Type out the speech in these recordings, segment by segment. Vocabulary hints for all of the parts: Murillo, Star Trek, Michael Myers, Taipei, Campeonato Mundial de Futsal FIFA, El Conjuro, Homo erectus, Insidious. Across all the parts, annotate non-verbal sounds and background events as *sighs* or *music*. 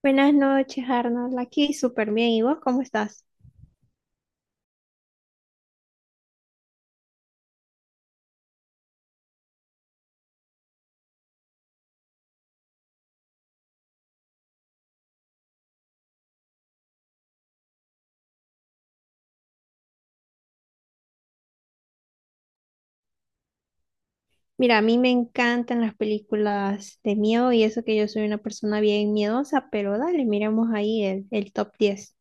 Buenas noches, Arnold. Aquí súper bien. ¿Y vos cómo estás? Mira, a mí me encantan las películas de miedo y eso que yo soy una persona bien miedosa, pero dale, miremos ahí el top 10.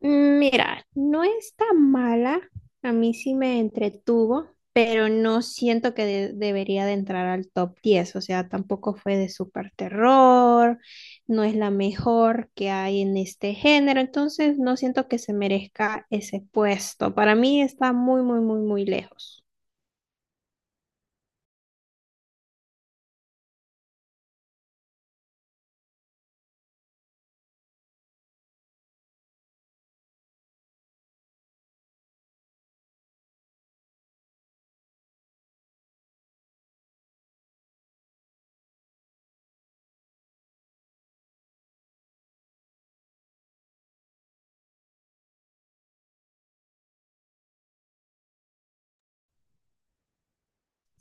Mira, no está mala, a mí sí me entretuvo, pero no siento que debería de entrar al top 10. O sea, tampoco fue de super terror, no es la mejor que hay en este género, entonces no siento que se merezca ese puesto. Para mí está muy, muy, muy, muy lejos.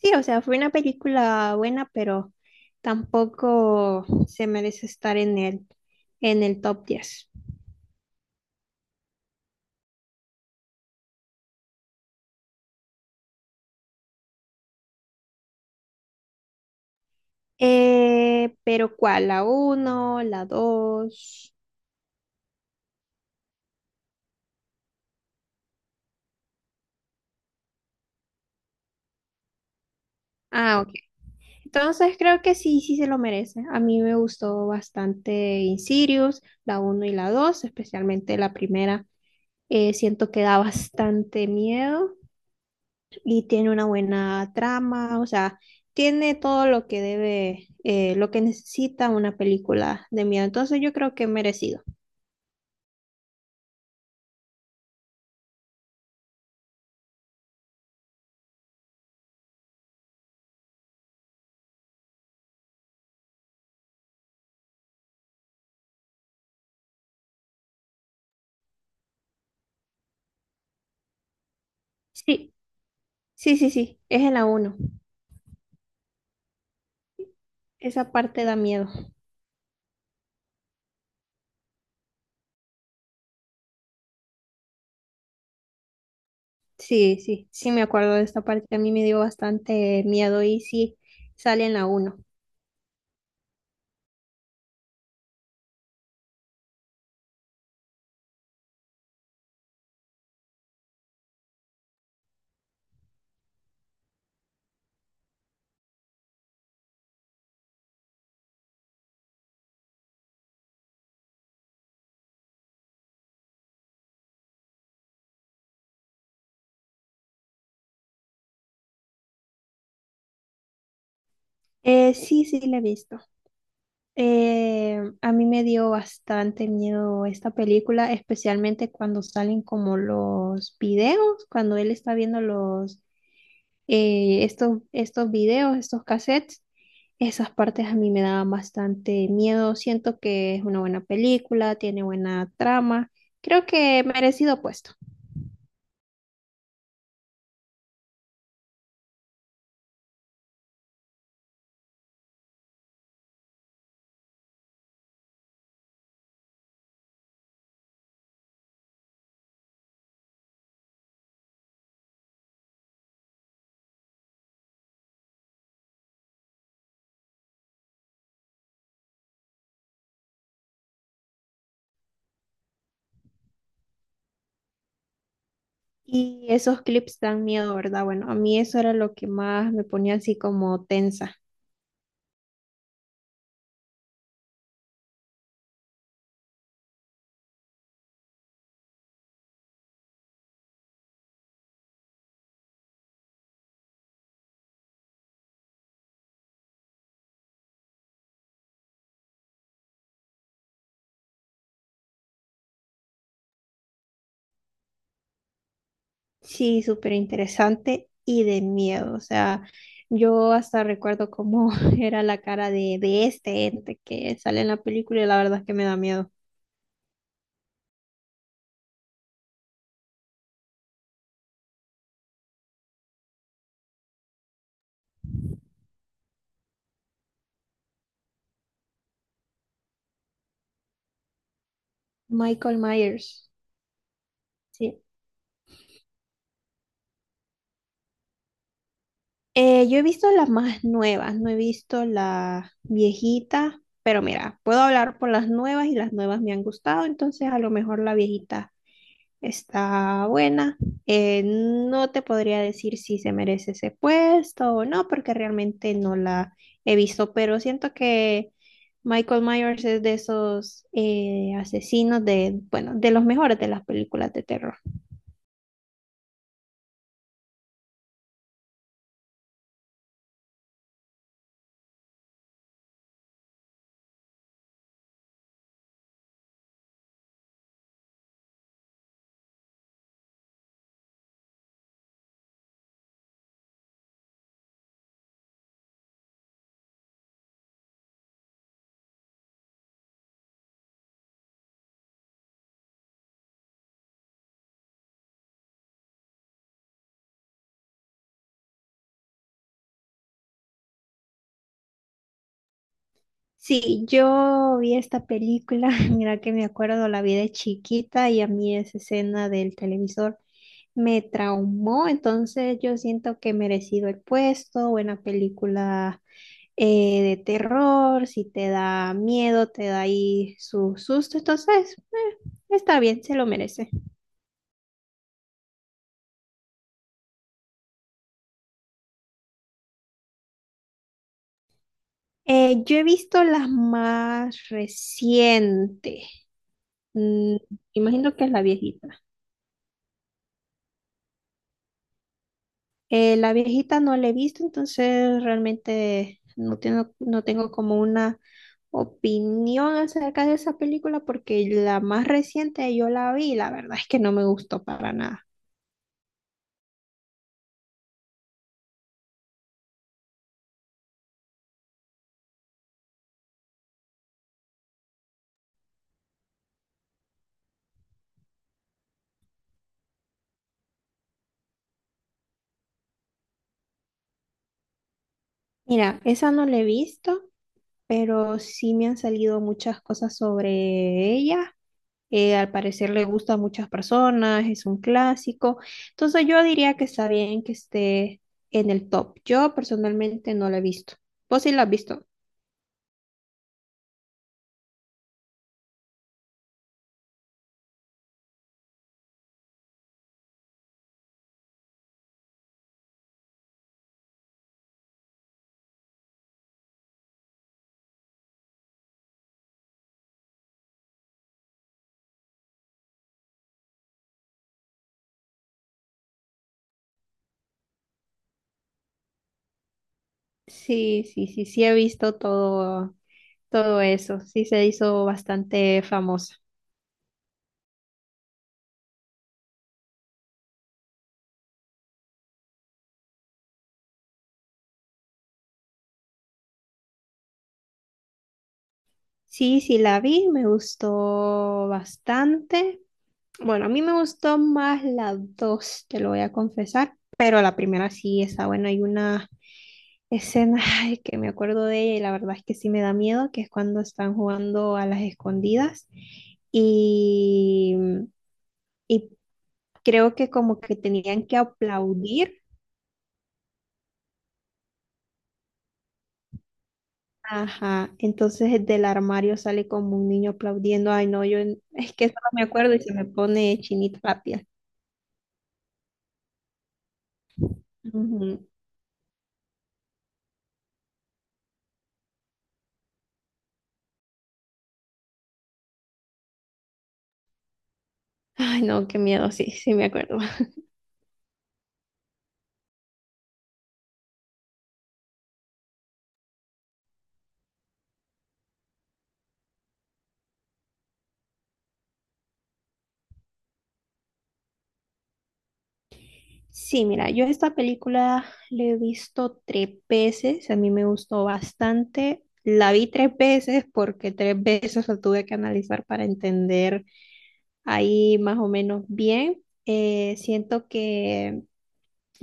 Sí, o sea, fue una película buena, pero tampoco se merece estar en en el top 10. Pero ¿cuál? ¿La uno? ¿La dos? Ah, ok. Entonces creo que sí, sí se lo merece. A mí me gustó bastante Insidious, la uno y la dos, especialmente la primera. Siento que da bastante miedo y tiene una buena trama, o sea, tiene todo lo que debe, lo que necesita una película de miedo. Entonces yo creo que merecido. Sí, sí, sí, sí, es en la uno. Esa parte da miedo. Sí, sí, sí me acuerdo de esta parte. A mí me dio bastante miedo y sí, sale en la 1. Sí, sí, la he visto. A mí me dio bastante miedo esta película, especialmente cuando salen como los videos, cuando él está viendo los, estos videos, estos cassettes. Esas partes a mí me daban bastante miedo. Siento que es una buena película, tiene buena trama. Creo que merecido puesto. Y esos clips dan miedo, ¿verdad? Bueno, a mí eso era lo que más me ponía así como tensa. Sí, súper interesante y de miedo. O sea, yo hasta recuerdo cómo *laughs* era la cara de este ente que sale en la película y la verdad es que me da miedo. Michael Myers. Sí. Yo he visto las más nuevas, no he visto la viejita, pero mira, puedo hablar por las nuevas y las nuevas me han gustado, entonces a lo mejor la viejita. Está buena. No te podría decir si se merece ese puesto o no, porque realmente no la he visto, pero siento que Michael Myers es de esos asesinos de, bueno, de los mejores de las películas de terror. Sí, yo vi esta película, *laughs* mira que me acuerdo, la vi de chiquita y a mí esa escena del televisor me traumó, entonces yo siento que he merecido el puesto, buena película de terror, si te da miedo, te da ahí su susto, entonces está bien, se lo merece. Yo he visto las más recientes. Mm, imagino que es la viejita. La viejita no la he visto, entonces realmente no tengo como una opinión acerca de esa película porque la más reciente yo la vi y la verdad es que no me gustó para nada. Mira, esa no la he visto, pero sí me han salido muchas cosas sobre ella. Al parecer le gusta a muchas personas, es un clásico. Entonces yo diría que está bien que esté en el top. Yo personalmente no la he visto. ¿Vos sí la has visto? Sí, sí, sí, sí he visto todo, todo eso. Sí se hizo bastante famosa. Sí, sí la vi, me gustó bastante. Bueno, a mí me gustó más la dos, te lo voy a confesar, pero la primera sí está buena. Hay una escena *laughs* *sighs* ay, que me acuerdo de ella y la verdad es que sí me da miedo, que es cuando están jugando a las escondidas y, y creo que como que tenían que aplaudir. Ajá, entonces del armario sale como un niño aplaudiendo. Ay, no, yo es que eso no me acuerdo y se me pone chinita la piel. Ujú. Ay, no, qué miedo, sí, sí me acuerdo. Sí, mira, yo esta película la he visto tres veces, a mí me gustó bastante. La vi tres veces porque tres veces la tuve que analizar para entender ahí más o menos bien. Siento que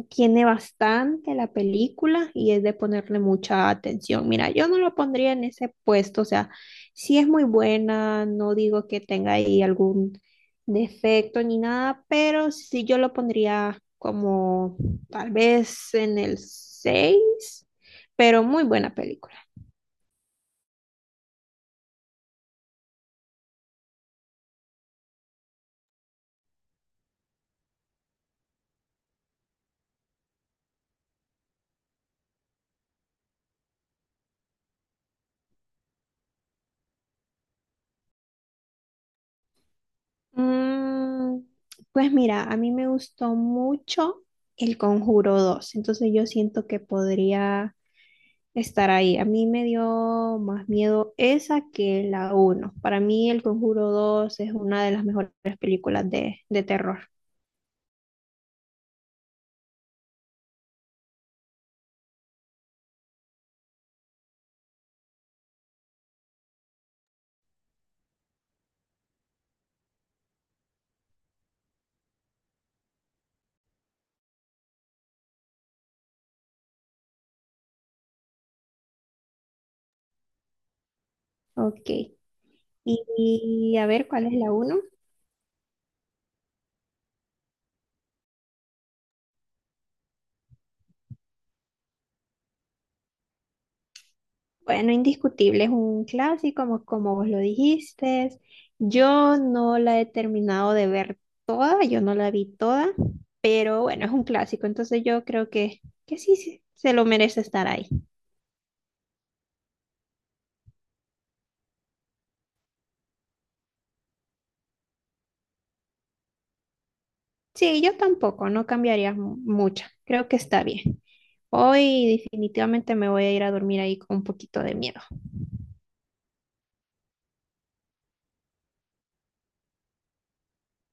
tiene bastante la película y es de ponerle mucha atención. Mira, yo no lo pondría en ese puesto, o sea, sí es muy buena, no digo que tenga ahí algún defecto ni nada, pero sí yo lo pondría como tal vez en el 6. Pero muy buena película. Mm, pues mira, a mí me gustó mucho El Conjuro dos, entonces yo siento que podría estar ahí. A mí me dio más miedo esa que la uno. Para mí El Conjuro dos es una de las mejores películas de terror. Ok, y a ver, ¿cuál es la uno? Bueno, indiscutible, es un clásico, como, como vos lo dijiste. Yo no la he terminado de ver toda, yo no la vi toda, pero bueno, es un clásico, entonces yo creo que sí, sí se lo merece estar ahí. Sí, yo tampoco, no cambiaría mucho, creo que está bien. Hoy definitivamente me voy a ir a dormir ahí con un poquito de miedo.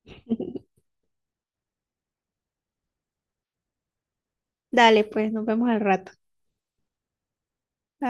*laughs* Dale, pues, nos vemos al rato.